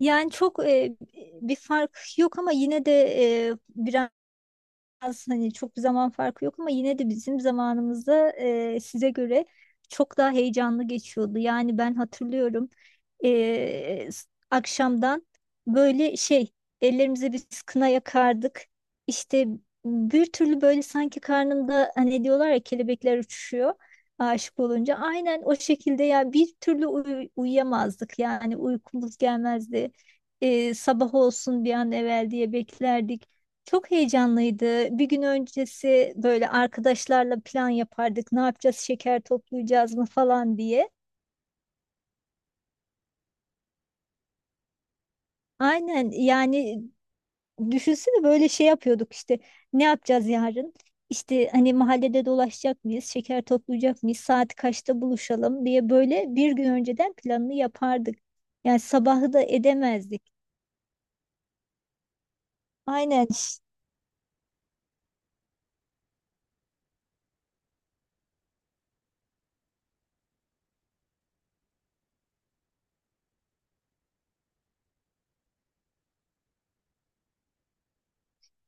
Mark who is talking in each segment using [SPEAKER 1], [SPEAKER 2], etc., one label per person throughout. [SPEAKER 1] Yani çok bir fark yok ama yine de e, az hani çok bir zaman farkı yok ama yine de bizim zamanımızda size göre çok daha heyecanlı geçiyordu. Yani ben hatırlıyorum, akşamdan böyle şey, ellerimize biz kına yakardık. İşte bir türlü böyle sanki karnımda, hani diyorlar ya kelebekler uçuşuyor aşık olunca. Aynen o şekilde, ya bir türlü uyuyamazdık yani, uykumuz gelmezdi. Sabah olsun bir an evvel diye beklerdik. Çok heyecanlıydı. Bir gün öncesi böyle arkadaşlarla plan yapardık. Ne yapacağız? Şeker toplayacağız mı falan diye. Aynen yani, düşünsene böyle şey yapıyorduk işte. Ne yapacağız yarın? İşte hani, mahallede dolaşacak mıyız? Şeker toplayacak mıyız? Saat kaçta buluşalım diye böyle bir gün önceden planını yapardık. Yani sabahı da edemezdik. Aynen.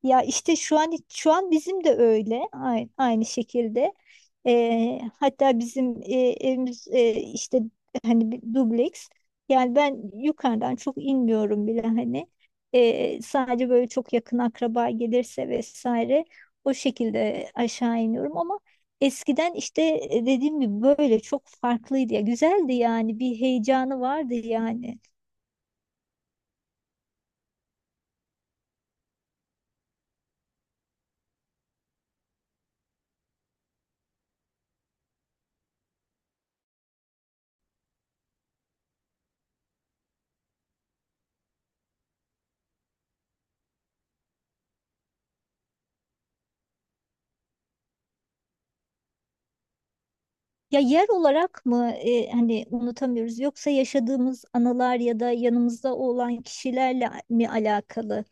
[SPEAKER 1] Ya işte şu an bizim de öyle, aynı şekilde. Hatta bizim evimiz, işte hani bir dubleks. Yani ben yukarıdan çok inmiyorum bile hani. Sadece böyle çok yakın akraba gelirse vesaire, o şekilde aşağı iniyorum ama eskiden işte, dediğim gibi böyle çok farklıydı ya. Güzeldi yani, bir heyecanı vardı yani. Ya yer olarak mı hani unutamıyoruz, yoksa yaşadığımız anılar ya da yanımızda olan kişilerle mi alakalı?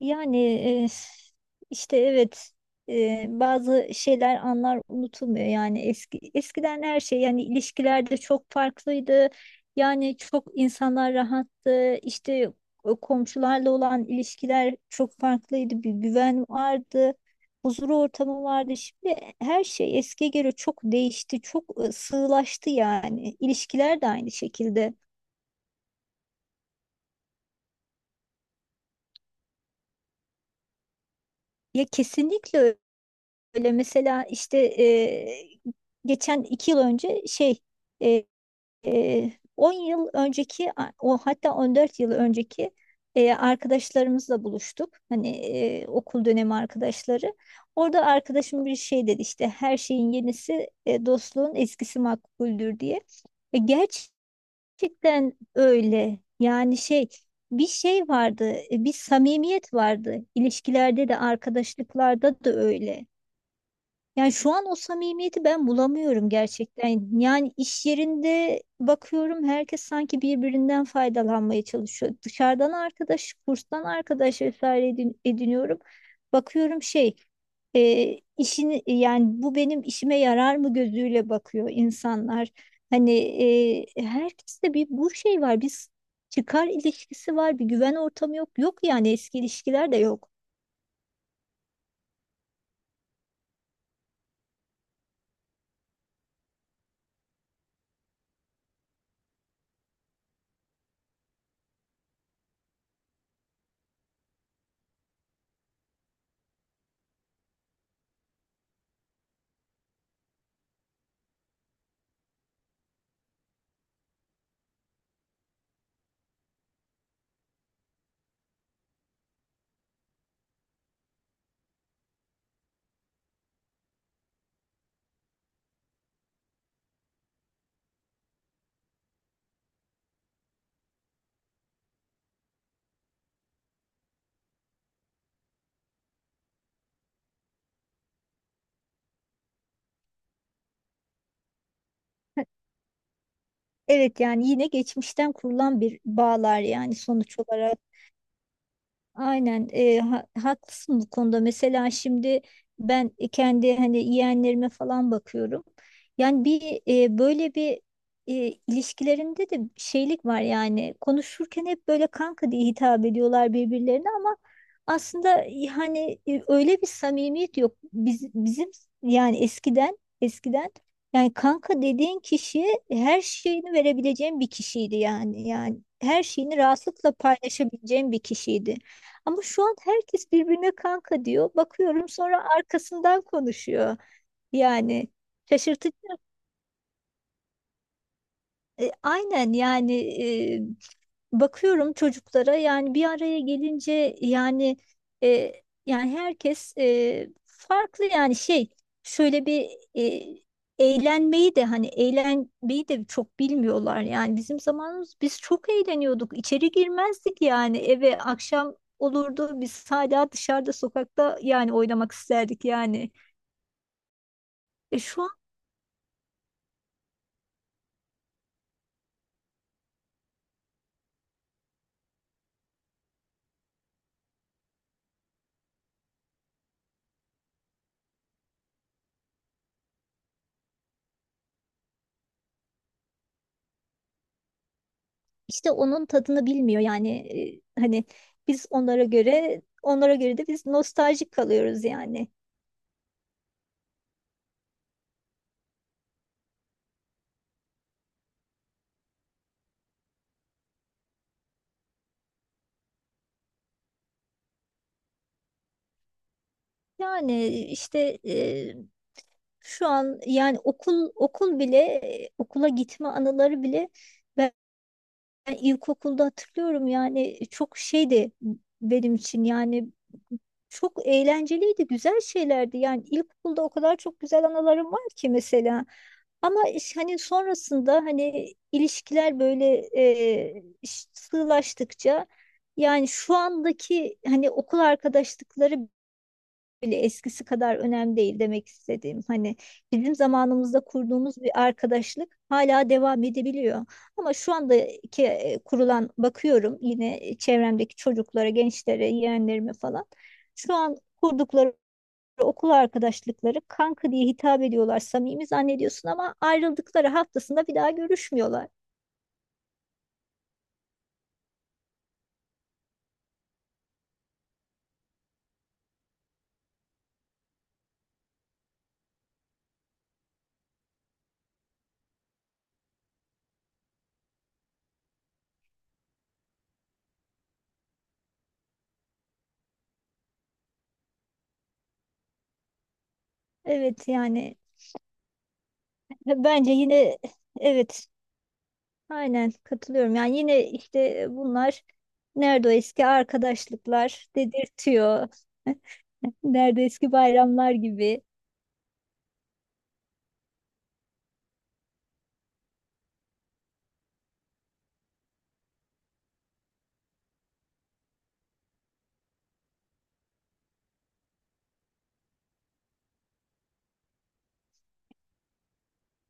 [SPEAKER 1] Yani, e, işte evet, bazı şeyler, anlar unutulmuyor. Yani eskiden her şey, yani ilişkilerde çok farklıydı, yani çok insanlar rahattı işte, o komşularla olan ilişkiler çok farklıydı, bir güven vardı, huzur ortamı vardı. Şimdi her şey eskiye göre çok değişti, çok sığlaştı yani, ilişkiler de aynı şekilde. Ya kesinlikle öyle. Mesela işte, geçen 2 yıl önce, e, e, 10 yıl önceki, o, hatta 14 yıl önceki arkadaşlarımızla buluştuk. Hani, okul dönemi arkadaşları. Orada arkadaşım bir şey dedi işte: her şeyin yenisi, dostluğun eskisi makbuldür diye. Ve gerçekten öyle. Yani şey, bir şey vardı, bir samimiyet vardı. İlişkilerde de arkadaşlıklarda da öyle. Yani şu an o samimiyeti ben bulamıyorum gerçekten. Yani iş yerinde bakıyorum, herkes sanki birbirinden faydalanmaya çalışıyor. Dışarıdan arkadaş, kurstan arkadaş vesaire ediniyorum. Bakıyorum şey, işini, yani bu benim işime yarar mı gözüyle bakıyor insanlar. Hani herkeste bir bu şey var, bir çıkar ilişkisi var, bir güven ortamı yok. Yok yani, eski ilişkiler de yok. Evet yani, yine geçmişten kurulan bir bağlar yani, sonuç olarak. Aynen, haklısın bu konuda. Mesela şimdi ben kendi hani yeğenlerime falan bakıyorum. Yani bir, böyle bir, e, ilişkilerinde de şeylik var yani. Konuşurken hep böyle kanka diye hitap ediyorlar birbirlerine, ama aslında hani, öyle bir samimiyet yok. Bizim yani eskiden yani, kanka dediğin kişiye her şeyini verebileceğim bir kişiydi yani. Yani her şeyini rahatlıkla paylaşabileceğim bir kişiydi. Ama şu an herkes birbirine kanka diyor. Bakıyorum, sonra arkasından konuşuyor. Yani şaşırtıcı. Aynen yani, e, bakıyorum çocuklara, yani bir araya gelince yani, e, yani herkes farklı yani, şey, şöyle bir, e, eğlenmeyi de hani eğlenmeyi de çok bilmiyorlar. Yani bizim zamanımız, biz çok eğleniyorduk, içeri girmezdik yani. Eve akşam olurdu, biz hala dışarıda sokakta yani oynamak isterdik yani. Şu an işte onun tadını bilmiyor yani, hani biz onlara göre de biz nostaljik kalıyoruz yani. Yani işte, şu an yani okul bile, okula gitme anıları bile, ben ilkokulda hatırlıyorum, yani çok şeydi benim için yani, çok eğlenceliydi, güzel şeylerdi yani. İlkokulda o kadar çok güzel anılarım var ki mesela, ama hani sonrasında, hani ilişkiler böyle sığlaştıkça yani, şu andaki hani okul arkadaşlıkları bile eskisi kadar önemli değil demek istediğim. Hani bizim zamanımızda kurduğumuz bir arkadaşlık hala devam edebiliyor. Ama şu andaki, kurulan, bakıyorum yine çevremdeki çocuklara, gençlere, yeğenlerime falan. Şu an kurdukları okul arkadaşlıkları, kanka diye hitap ediyorlar, samimi zannediyorsun ama ayrıldıkları haftasında bir daha görüşmüyorlar. Evet yani, bence yine evet. Aynen katılıyorum. Yani yine işte, bunlar nerede o eski arkadaşlıklar dedirtiyor. Nerede eski bayramlar gibi.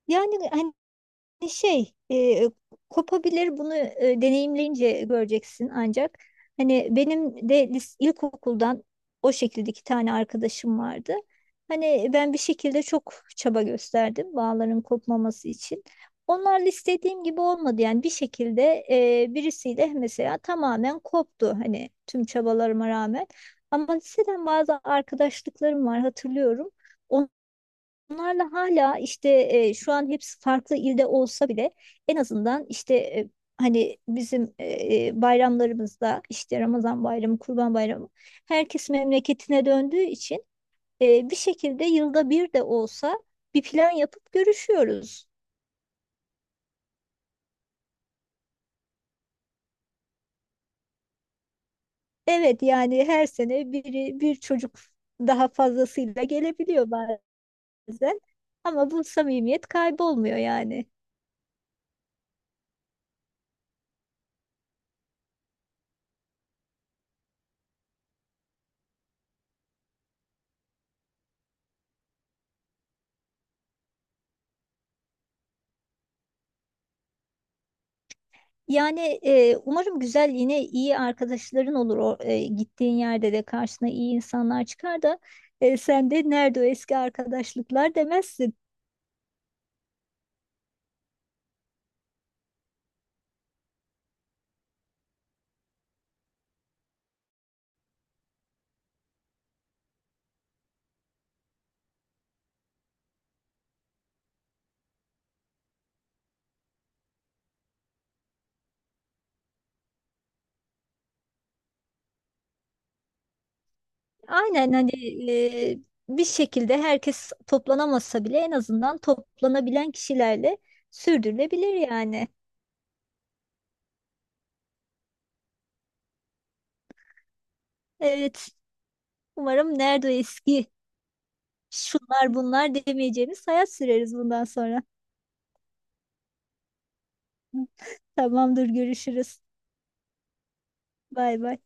[SPEAKER 1] Yani hani, şey, kopabilir, bunu deneyimleyince göreceksin ancak. Hani benim de ilkokuldan o şekilde 2 tane arkadaşım vardı. Hani ben bir şekilde çok çaba gösterdim bağların kopmaması için. Onlarla istediğim gibi olmadı yani. Bir şekilde, birisiyle mesela tamamen koptu, hani tüm çabalarıma rağmen. Ama liseden bazı arkadaşlıklarım var hatırlıyorum. Bunlarla hala işte, şu an hepsi farklı ilde olsa bile, en azından işte, hani bizim bayramlarımızda, işte Ramazan bayramı, Kurban bayramı, herkes memleketine döndüğü için bir şekilde yılda bir de olsa bir plan yapıp görüşüyoruz. Evet yani, her sene biri bir çocuk daha fazlasıyla gelebiliyor bazen, ama bu samimiyet kaybolmuyor yani. Yani, umarım güzel, yine iyi arkadaşların olur. O, gittiğin yerde de karşına iyi insanlar çıkar da, sen de nerede o eski arkadaşlıklar demezsin. Aynen hani, e, bir şekilde herkes toplanamasa bile, en azından toplanabilen kişilerle sürdürülebilir yani. Evet, umarım nerede o eski şunlar bunlar demeyeceğimiz hayat süreriz bundan sonra. Tamamdır, görüşürüz. Bay bay.